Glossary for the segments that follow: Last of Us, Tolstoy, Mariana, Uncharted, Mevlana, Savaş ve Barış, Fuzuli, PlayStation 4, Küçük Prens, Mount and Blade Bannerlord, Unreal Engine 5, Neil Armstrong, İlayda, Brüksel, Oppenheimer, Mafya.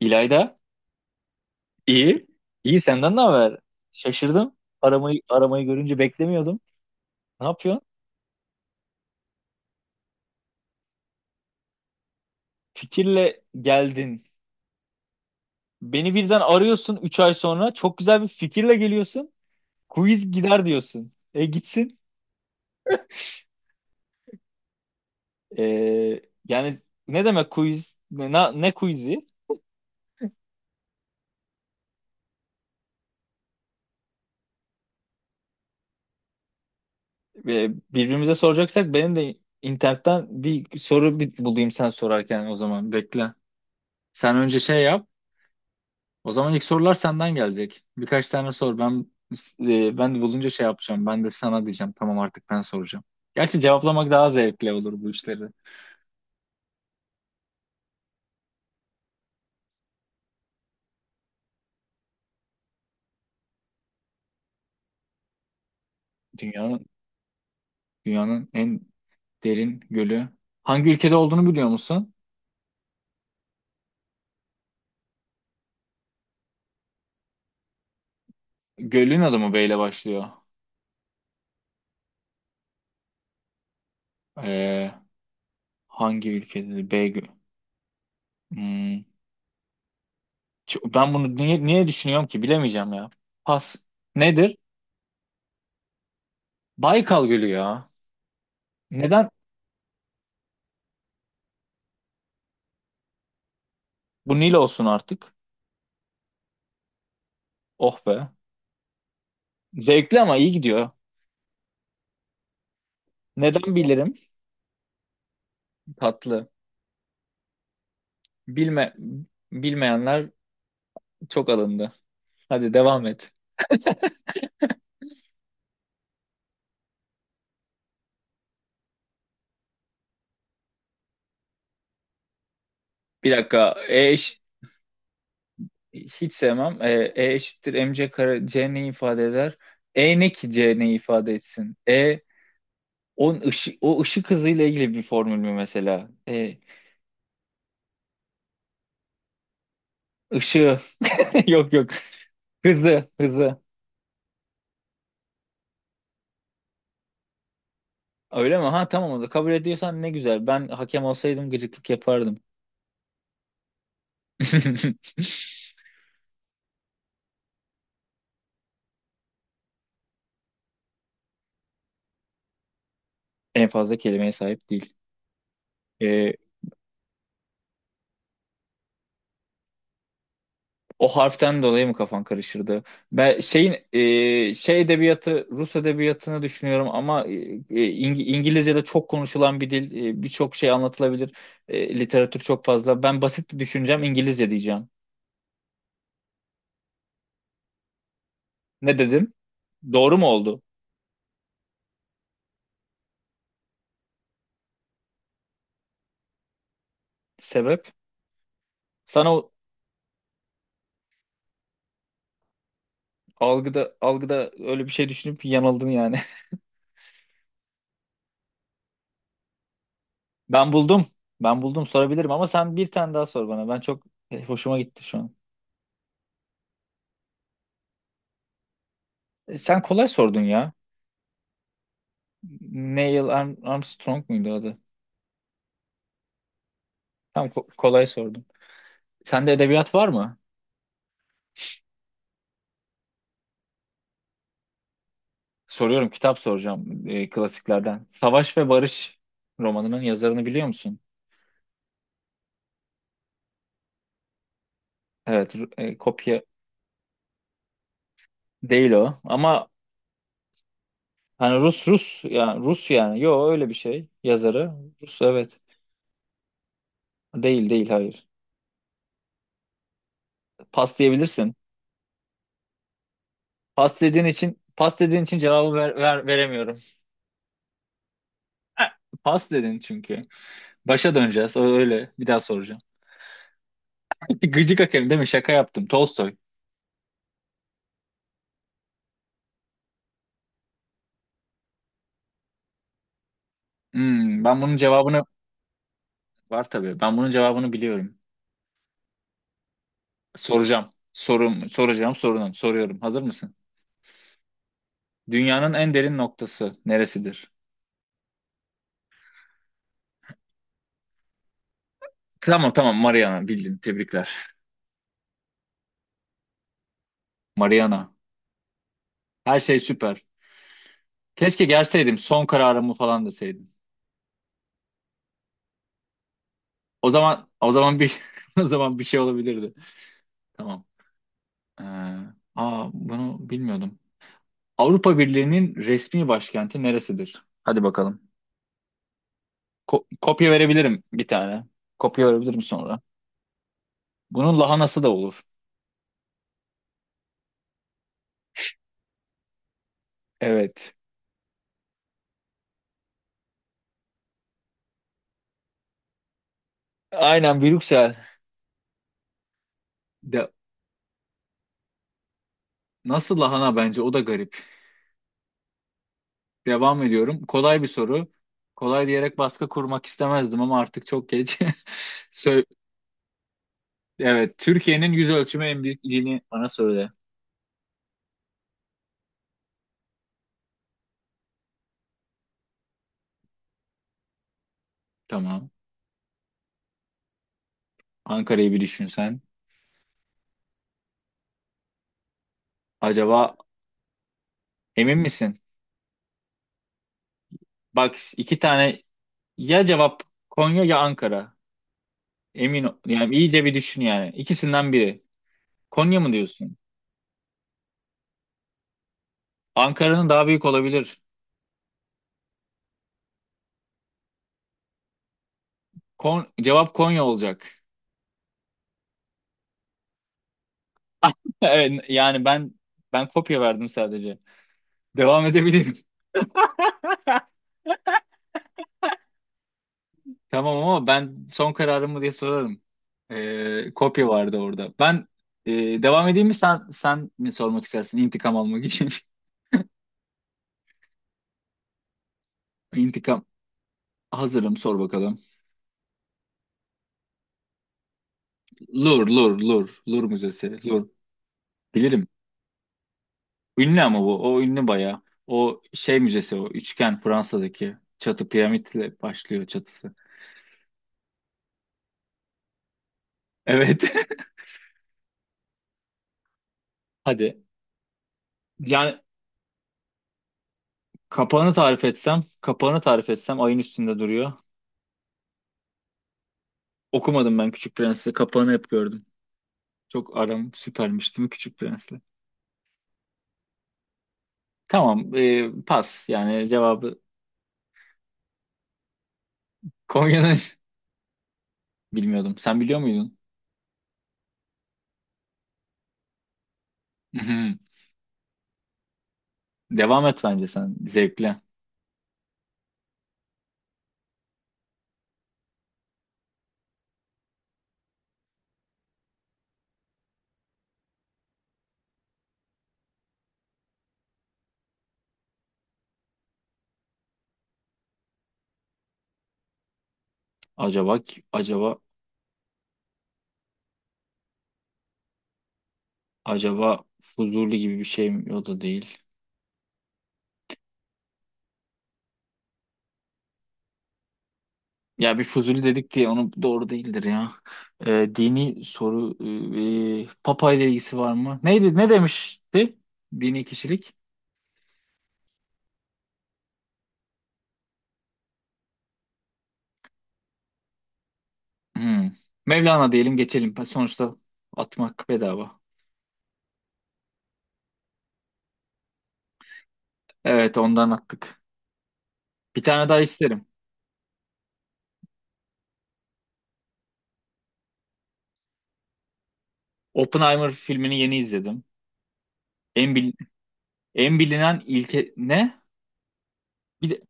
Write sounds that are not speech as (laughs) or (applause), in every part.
İlayda, iyi. İyi senden ne haber? Şaşırdım. Aramayı görünce beklemiyordum. Ne yapıyorsun? Fikirle geldin. Beni birden arıyorsun 3 ay sonra. Çok güzel bir fikirle geliyorsun. Quiz gider diyorsun. E gitsin. E, Yani ne demek quiz? Ne quiz'i? Birbirimize soracaksak benim de internetten bir soru bulayım sen sorarken o zaman. Bekle. Sen önce şey yap. O zaman ilk sorular senden gelecek. Birkaç tane sor. Ben de bulunca şey yapacağım. Ben de sana diyeceğim. Tamam, artık ben soracağım. Gerçi cevaplamak daha zevkli olur bu işleri. Dünyanın dünyanın en derin gölü. Hangi ülkede olduğunu biliyor musun? Gölün adı mı B ile başlıyor? Ee, Hangi ülkede? B gö- Hmm, ç- Ben bunu niye düşünüyorum ki? Bilemeyeceğim ya. Pas. Nedir? Baykal Gölü ya. Neden? Bu Nil olsun artık. Oh be. Zevkli ama iyi gidiyor. Neden bilirim? Tatlı. Bilme, bilmeyenler çok alındı. Hadi devam et. Bir dakika. Hiç sevmem. E eşittir mc kare c ne ifade eder? E ne ki c ne ifade etsin? O ışık hızıyla ilgili bir formül mü mesela? E ışığı (laughs) yok, yok. Hızı, hızı. Öyle mi? Ha, tamam, o da kabul ediyorsan ne güzel. Ben hakem olsaydım gıcıklık yapardım. (laughs) En fazla kelimeye sahip değil. E, O harften dolayı mı kafan karışırdı? Ben şeyin şey edebiyatı, Rus edebiyatını düşünüyorum ama İngilizce'de çok konuşulan bir dil, birçok şey anlatılabilir. Literatür çok fazla. Ben basit düşüneceğim, İngilizce diyeceğim. Ne dedim? Doğru mu oldu? Sebep? Sana o algıda öyle bir şey düşünüp yanıldın yani. (laughs) Ben buldum. Ben buldum, sorabilirim ama sen bir tane daha sor bana. Ben çok hoşuma gitti şu an. Sen kolay sordun ya. Neil Armstrong muydu adı? Tam kolay sordum. Sende edebiyat var mı? Soruyorum, kitap soracağım klasiklerden. Savaş ve Barış romanının yazarını biliyor musun? Evet, kopya değil o. Ama hani Rus, Rus yani, Rus yani. Yo, öyle bir şey. Yazarı Rus, evet. Değil, değil, hayır. Pas diyebilirsin. Pas dediğin için cevabı veremiyorum. Eh, Pas dedin çünkü. Başa döneceğiz. O öyle. Bir daha soracağım. (laughs) Gıcık Akemi değil mi? Şaka yaptım. Tolstoy. Ben bunun cevabını. Var tabii. Ben bunun cevabını biliyorum. Soracağım. Sorum, soracağım sorunum. Soruyorum. Hazır mısın? Dünyanın en derin noktası neresidir? Tamam, tamam, Mariana bildin. Tebrikler. Mariana. Her şey süper. Keşke gelseydim, son kararımı falan deseydim. O zaman (laughs) o zaman bir şey olabilirdi. Tamam. Ee, Aa, bunu bilmiyordum. Avrupa Birliği'nin resmi başkenti neresidir? Hadi bakalım. Kopya verebilirim bir tane. Kopya verebilirim sonra. Bunun lahanası da olur. Evet. Aynen, Brüksel. De, Nasıl lahana, bence o da garip. Devam ediyorum. Kolay bir soru. Kolay diyerek baskı kurmak istemezdim ama artık çok geç. (laughs) Sö- evet, Türkiye'nin yüz ölçümü en büyük ilini bana söyle. Tamam. Ankara'yı bir düşün sen. Acaba emin misin? Bak, iki tane ya cevap: Konya ya Ankara. Emin yani iyice bir düşün yani. İkisinden biri. Konya mı diyorsun? Ankara'nın daha büyük olabilir. Cevap Konya olacak. (laughs) Evet, yani ben kopya verdim sadece. Devam edebilirim. (laughs) Tamam, ama ben son kararımı diye sorarım. Kopya vardı orada. Ben devam edeyim mi, sen mi sormak istersin intikam almak için? (laughs) İntikam. Hazırım, sor bakalım. Lur, Lur, Lur, Lur Müzesi. Lur. Bilirim. Ünlü ama bu. O ünlü bayağı. O şey müzesi o. Üçgen, Fransa'daki. Çatı piramitle başlıyor çatısı. Evet. (laughs) Hadi. Yani kapağını tarif etsem, kapağını tarif etsem, ayın üstünde duruyor. Okumadım ben Küçük Prens'i. Kapağını hep gördüm. Çok aram süpermiş değil mi Küçük Prens'le? Tamam, pas. Yani cevabı Konya'nın (laughs) bilmiyordum. Sen biliyor muydun? (laughs) Mhm. Devam et, bence sen zevkle. Acaba acaba acaba Fuzuli gibi bir şey mi? O da değil. Ya bir Fuzuli dedik diye onu doğru değildir ya. Dini soru, Papa ile ilgisi var mı? Neydi? Ne demişti? Dini kişilik. Hmm. Mevlana diyelim, geçelim. Sonuçta atmak bedava. Evet, ondan attık. Bir tane daha isterim. Oppenheimer filmini yeni izledim. En, bil- En bilinen ilke ne? Bir de-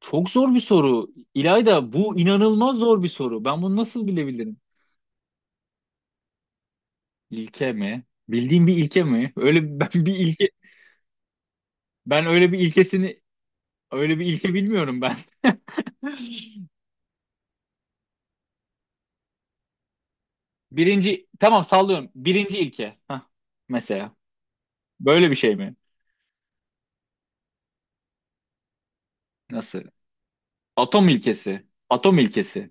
Çok zor bir soru. İlayda, bu inanılmaz zor bir soru. Ben bunu nasıl bilebilirim? İlke mi? Bildiğim bir ilke mi? (laughs) Öyle ben bir ilke, ben öyle bir ilkesini, öyle bir ilke bilmiyorum ben. (laughs) Birinci, tamam, sallıyorum. Birinci ilke. Hah, mesela. Böyle bir şey mi? Nasıl? Atom ilkesi. Atom ilkesi.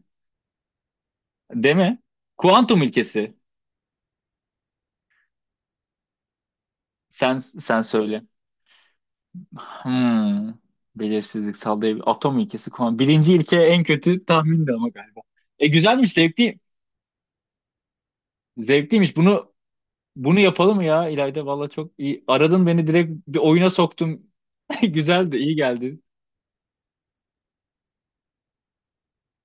Değil mi? Kuantum ilkesi. Sen söyle. Hmm. Belirsizlik sallayabilir. Atom ilkesi. Kuantum. Birinci ilke en kötü tahmindi ama galiba. E güzelmiş, zevkli. Zevkliymiş. Bunu yapalım ya İlayda. Valla çok iyi. Aradın beni, direkt bir oyuna soktum. (laughs) Güzeldi, iyi geldi.